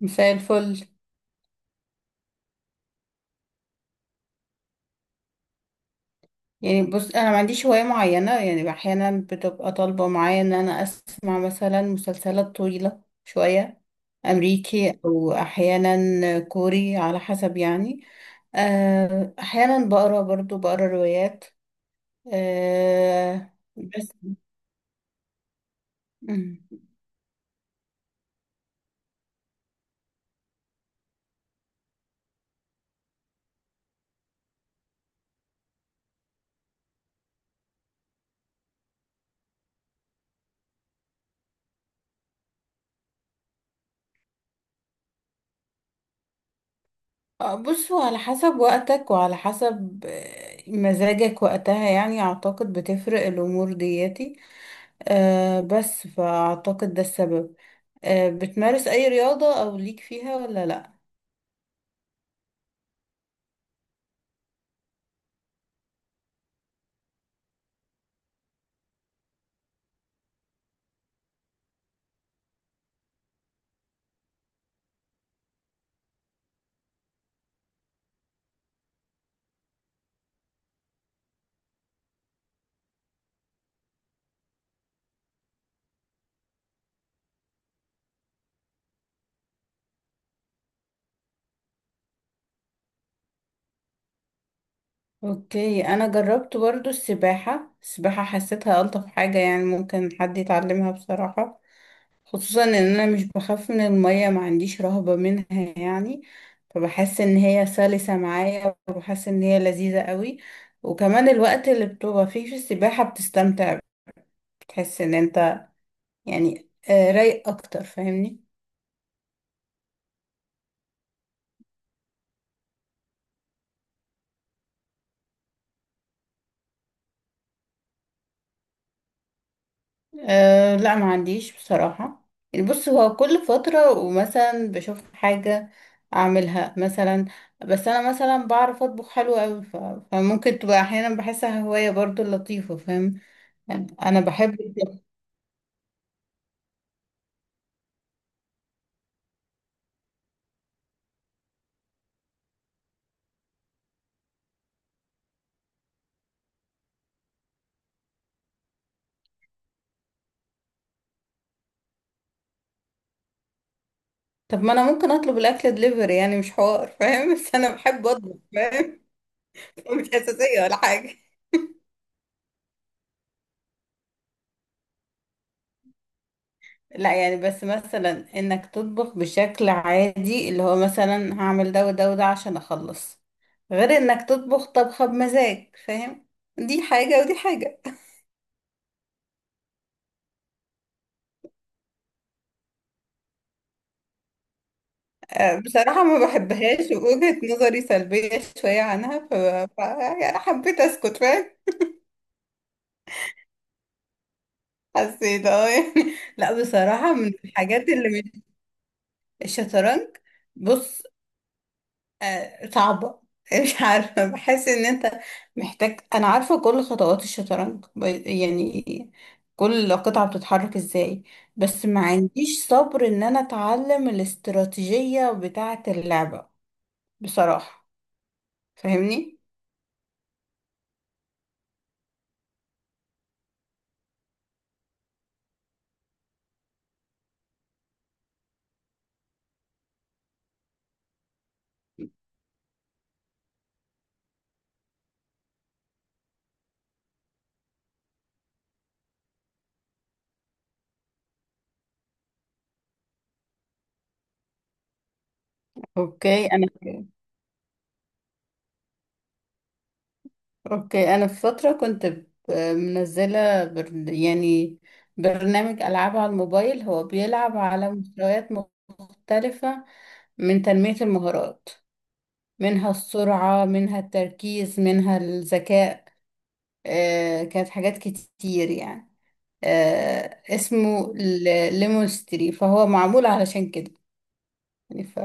مساء الفل. بص انا ما عنديش هواية معينة. يعني احيانا بتبقى طالبة معايا ان انا اسمع مثلا مسلسلات طويلة شوية، امريكي او احيانا كوري على حسب يعني. احيانا بقرا برضو بقرا روايات. بس. مم. بص هو على حسب وقتك وعلى حسب مزاجك وقتها، يعني اعتقد بتفرق الامور دياتي. بس فاعتقد ده السبب. بتمارس اي رياضة او ليك فيها ولا لا؟ اوكي، انا جربت برضو السباحة. حسيتها الطف حاجة، يعني ممكن حد يتعلمها بصراحة. خصوصا ان انا مش بخاف من المية، ما عنديش رهبة منها يعني. فبحس ان هي سلسة معايا، وبحس ان هي لذيذة قوي. وكمان الوقت اللي بتبقى فيه في السباحة بتستمتع، بتحس ان انت يعني رايق اكتر، فاهمني؟ أه لا، ما عنديش بصراحة. يعني بص هو كل فترة ومثلا بشوف حاجة أعملها مثلا. بس أنا مثلا بعرف أطبخ حلو أوي، فممكن تبقى أحيانا بحسها هواية برضو لطيفة، فاهم؟ يعني أنا بحب الطبخ. طب ما أنا ممكن أطلب الأكل دليفري، يعني مش حوار، فاهم؟ بس أنا بحب أطبخ، فاهم؟ مش أساسية ولا حاجة. لا يعني، بس مثلا انك تطبخ بشكل عادي، اللي هو مثلا هعمل ده وده وده عشان اخلص، غير انك تطبخ طبخة بمزاج، فاهم؟ دي حاجة ودي حاجة. بصراحة ما بحبهاش، ووجهة نظري سلبية شوية عنها. ف... يعني حبيت اسكت، فاهم؟ حسيت اه يعني. لا بصراحة، من الحاجات اللي مش... الشطرنج. بص. صعبة. مش عارفة، بحس ان انت محتاج، انا عارفة كل خطوات الشطرنج، يعني كل قطعة بتتحرك ازاي، بس ما عنديش صبر ان انا اتعلم الاستراتيجية بتاعة اللعبة، بصراحة، فاهمني؟ اوكي انا اوكي، انا في فتره كنت منزله يعني برنامج العاب على الموبايل، هو بيلعب على مستويات مختلفه، من تنميه المهارات، منها السرعة، منها التركيز، منها الذكاء. كانت حاجات كتير يعني. اسمه ليمونستري، فهو معمول علشان كده يعني.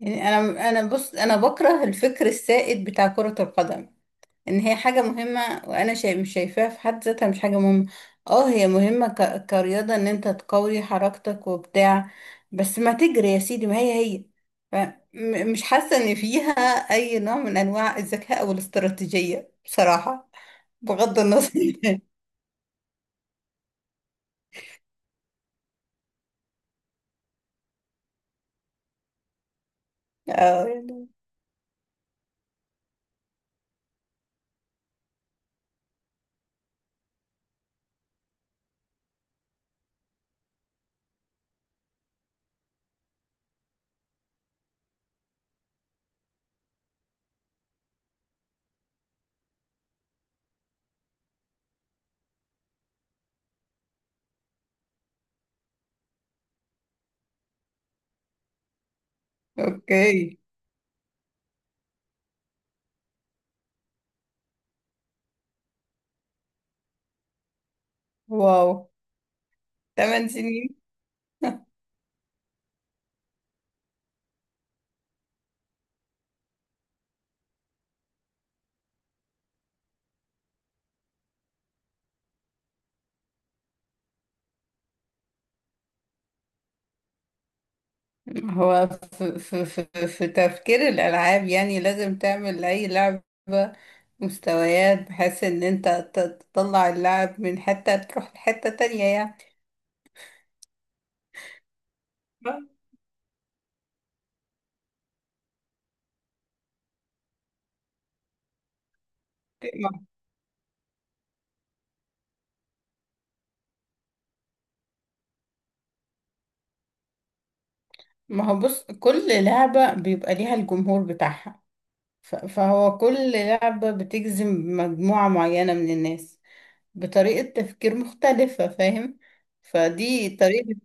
يعني انا، انا بص انا بكره الفكر السائد بتاع كرة القدم. ان هي حاجة مهمة، وانا شايف مش شايفاها في حد ذاتها مش حاجة مهمة. اه هي مهمة كرياضة، ان انت تقوي حركتك وبتاع، بس ما تجري يا سيدي، ما هي هي. ف... مش حاسة ان فيها اي نوع من انواع الذكاء او الاستراتيجية، بصراحة، بغض النظر. اه يعني. اوكي. واو. 8 سنين. هو في تفكير الألعاب، يعني لازم تعمل أي لعبة مستويات، بحيث إن أنت تطلع اللاعب من حتة تروح لحتة تانية يعني. ما هو بص، كل لعبة بيبقى ليها الجمهور بتاعها، فهو كل لعبة بتجذب مجموعة معينة من الناس بطريقة تفكير مختلفة، فاهم؟ فدي طريقة.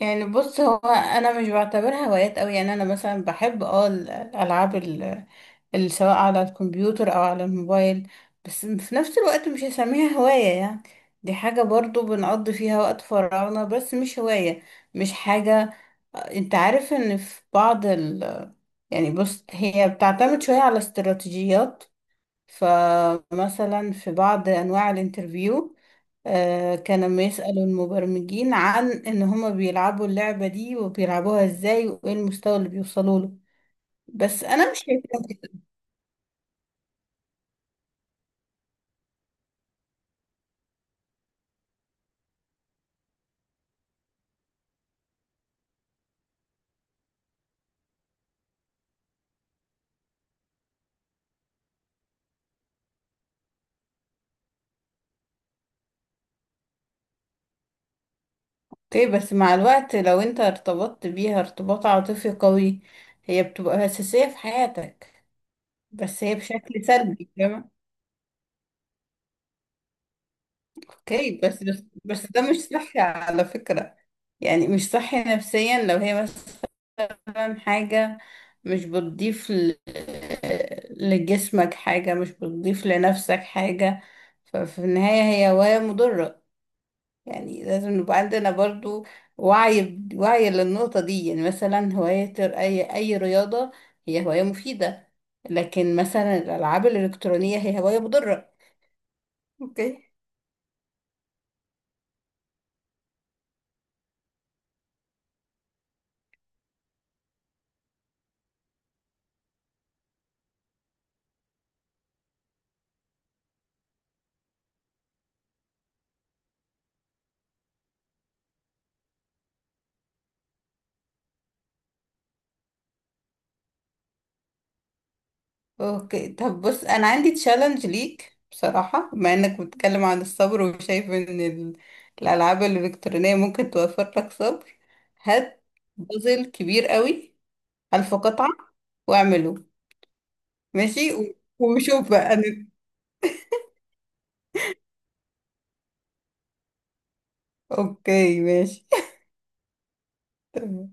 يعني بص، هو انا مش بعتبرها هوايات قوي. يعني انا مثلا بحب اه الالعاب، اللي سواء على الكمبيوتر او على الموبايل، بس في نفس الوقت مش هسميها هواية يعني. دي حاجة برضو بنقضي فيها وقت فراغنا، بس مش هواية، مش حاجة. انت عارف ان في بعض ال... يعني بص، هي بتعتمد شوية على استراتيجيات. فمثلا في بعض انواع الانترفيو، كان بيسأل المبرمجين عن ان هما بيلعبوا اللعبة دي وبيلعبوها ازاي وايه المستوى اللي بيوصلوا له. بس انا مش شايفة كده. اوكي، بس مع الوقت لو انت ارتبطت بيها ارتباط عاطفي قوي، هي بتبقى اساسية في حياتك، بس هي بشكل سلبي، فاهمة؟ اوكي، بس ده مش صحي على فكرة. يعني مش صحي نفسيا، لو هي بس مثلا حاجة مش بتضيف لجسمك حاجة، مش بتضيف لنفسك حاجة، ففي النهاية هي هواية مضرة. يعني لازم نبقى عندنا برضو وعي للنقطة دي. يعني مثلا هواية أي رياضة هي هواية مفيدة، لكن مثلا الألعاب الإلكترونية هي هواية مضرة. اوكي اوكي، طب بص انا عندي تشالنج ليك بصراحة. بما انك بتتكلم عن الصبر وشايف ان الالعاب الالكترونية ممكن توفر لك صبر، هات بازل كبير قوي، الف قطعة، واعمله. ماشي، وشوف بقى اوكي. ماشي.